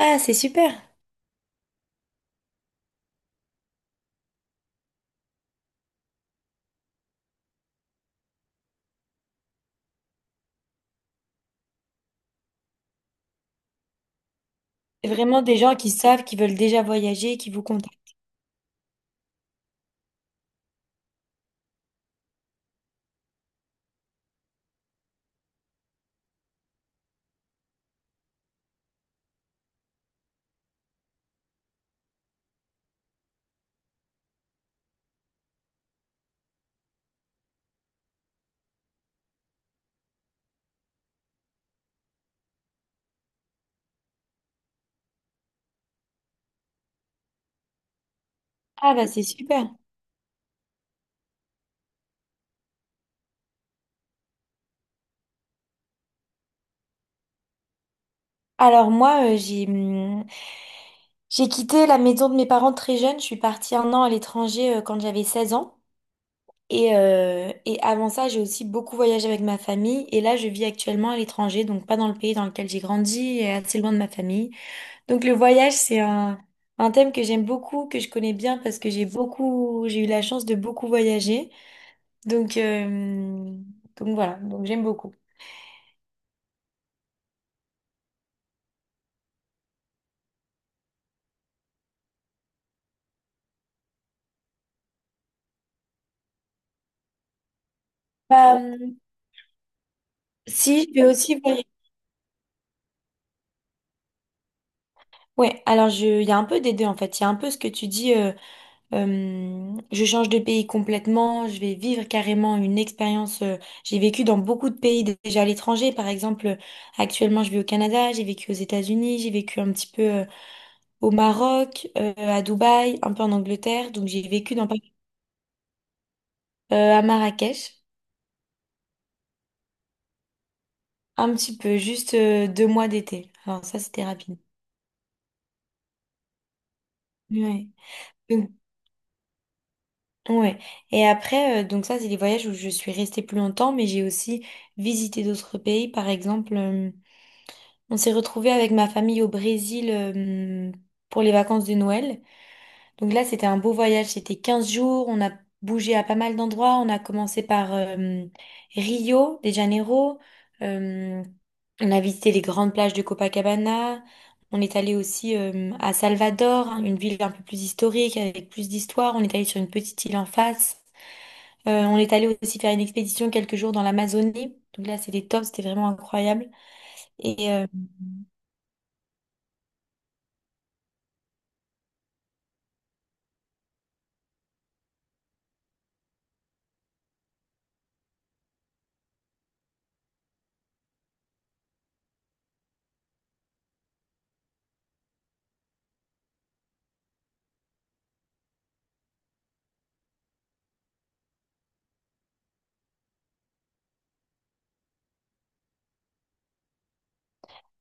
Ah, c'est super. C'est vraiment des gens qui savent, qui veulent déjà voyager, qui vous contactent. Ah bah c'est super. Alors moi, j'ai quitté la maison de mes parents très jeune. Je suis partie un an à l'étranger quand j'avais 16 ans. Et avant ça, j'ai aussi beaucoup voyagé avec ma famille. Et là, je vis actuellement à l'étranger, donc pas dans le pays dans lequel j'ai grandi et assez loin de ma famille. Donc le voyage, c'est un thème que j'aime beaucoup, que je connais bien parce que j'ai eu la chance de beaucoup voyager. Donc, euh, donc voilà, donc j'aime beaucoup. Bah, si, je vais aussi voyager. Ouais, il y a un peu des deux en fait. Il y a un peu ce que tu dis, je change de pays complètement, je vais vivre carrément une expérience. J'ai vécu dans beaucoup de pays déjà à l'étranger. Par exemple, actuellement je vis au Canada, j'ai vécu aux États-Unis, j'ai vécu un petit peu au Maroc, à Dubaï, un peu en Angleterre. Donc j'ai vécu dans, pas- à Marrakech, un petit peu, juste 2 mois d'été. Alors ça c'était rapide. Ouais. Ouais. Et après, donc ça, c'est les voyages où je suis restée plus longtemps, mais j'ai aussi visité d'autres pays. Par exemple, on s'est retrouvés avec ma famille au Brésil, pour les vacances de Noël. Donc là, c'était un beau voyage, c'était 15 jours, on a bougé à pas mal d'endroits, on a commencé par Rio de Janeiro, euh, on a visité les grandes plages de Copacabana, on est allé aussi à Salvador, hein, une ville un peu plus historique, avec plus d'histoire, on est allé sur une petite île en face. On est allé aussi faire une expédition quelques jours dans l'Amazonie, donc là c'était top, c'était vraiment incroyable. Et euh,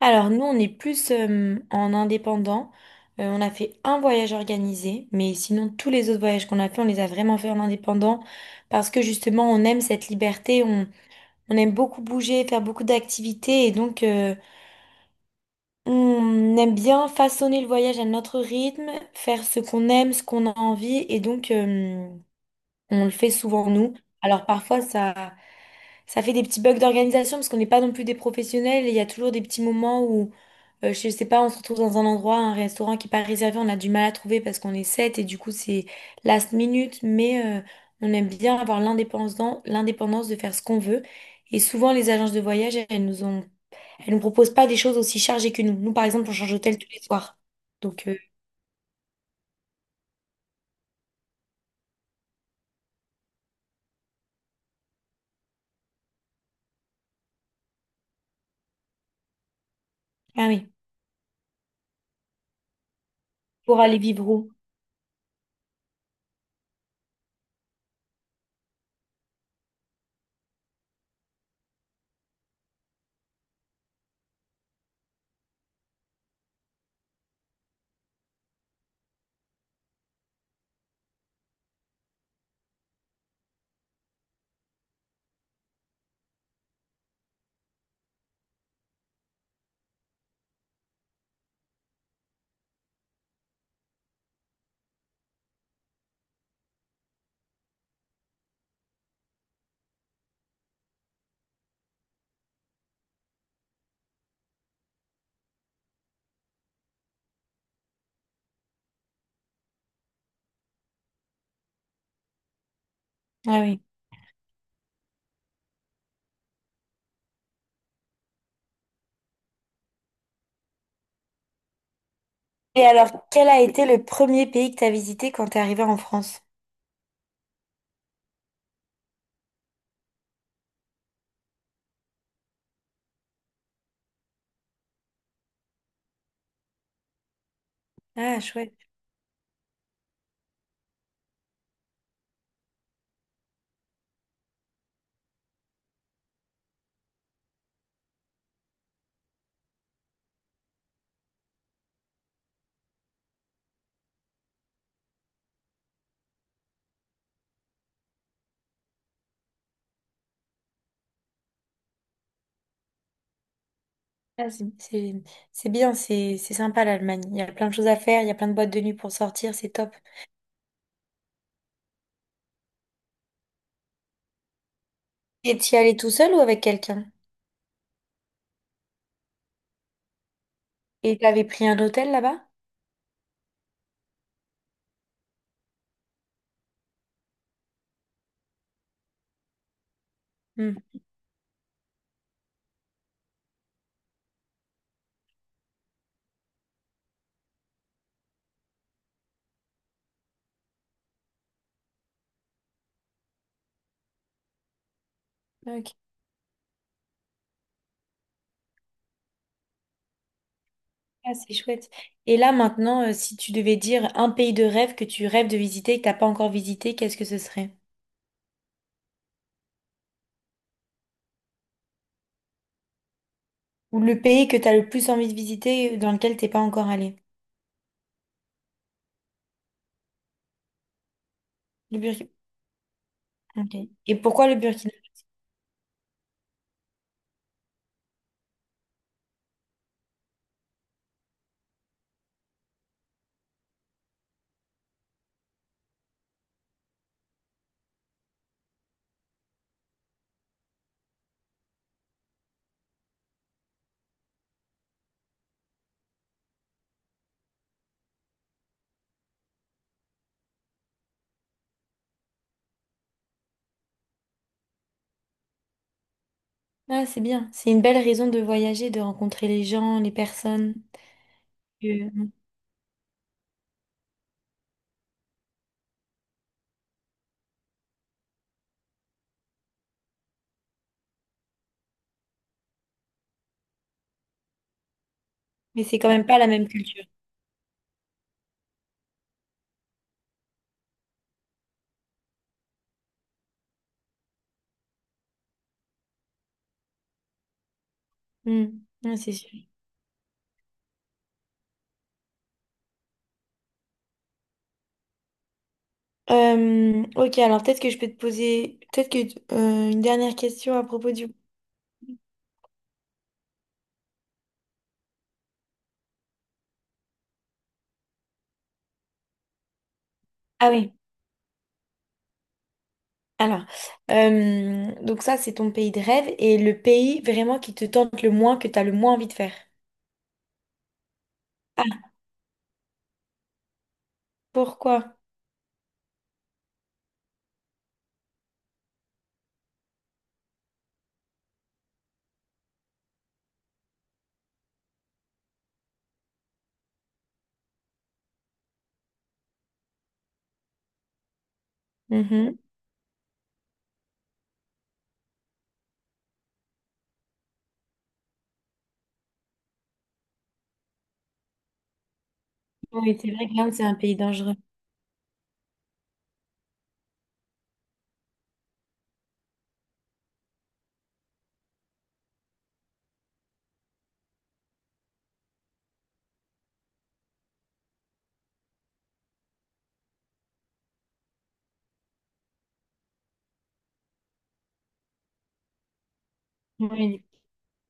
Alors nous, on est plus en indépendant. On a fait un voyage organisé, mais sinon tous les autres voyages qu'on a fait, on les a vraiment fait en indépendant parce que justement, on aime cette liberté, on aime beaucoup bouger, faire beaucoup d'activités et donc on aime bien façonner le voyage à notre rythme, faire ce qu'on aime, ce qu'on a envie et donc on le fait souvent nous. Alors parfois ça fait des petits bugs d'organisation parce qu'on n'est pas non plus des professionnels et il y a toujours des petits moments où, je sais pas, on se retrouve dans un endroit, un restaurant qui n'est pas réservé, on a du mal à trouver parce qu'on est sept et du coup c'est last minute, mais on aime bien avoir l'indépendance, l'indépendance de faire ce qu'on veut. Et souvent les agences de voyage, elles nous proposent pas des choses aussi chargées que nous. Nous par exemple, on change d'hôtel tous les soirs. Donc, ah oui, pour aller vivre où? Ah oui. Et alors, quel a été le premier pays que tu as visité quand tu es arrivée en France? Ah, chouette. Ah, c'est bien, c'est sympa l'Allemagne. Il y a plein de choses à faire, il y a plein de boîtes de nuit pour sortir, c'est top. Et t'y allais tout seul ou avec quelqu'un? Et t'avais pris un hôtel là-bas? Hmm. Ok, ah, c'est chouette. Et là maintenant, si tu devais dire un pays de rêve que tu rêves de visiter et que t'as pas encore visité, qu'est-ce que ce serait? Ou le pays que t'as le plus envie de visiter dans lequel t'es pas encore allé? Le Burkina. Ok. Et pourquoi le Burkina? Ah, c'est bien. C'est une belle raison de voyager, de rencontrer les gens, les personnes. Que- Mais c'est quand même pas la même culture. Hmm. Ouais, c'est sûr. Ok, alors peut-être que je peux te poser peut-être que une dernière question à propos du... Ah oui, alors, donc ça c'est ton pays de rêve et le pays vraiment qui te tente le moins, que tu as le moins envie de faire. Ah, pourquoi? Mhm. Oui, c'est vrai que l'Inde c'est un pays dangereux. Oui,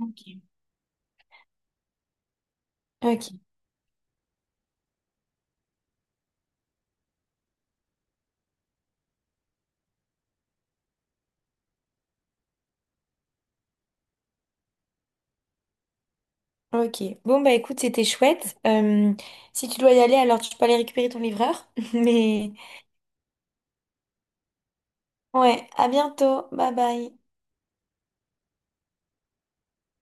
ok. Ok, ok. Bon bah écoute, c'était chouette. Si tu dois y aller, alors tu peux aller récupérer ton livreur. Mais ouais, à bientôt. Bye bye.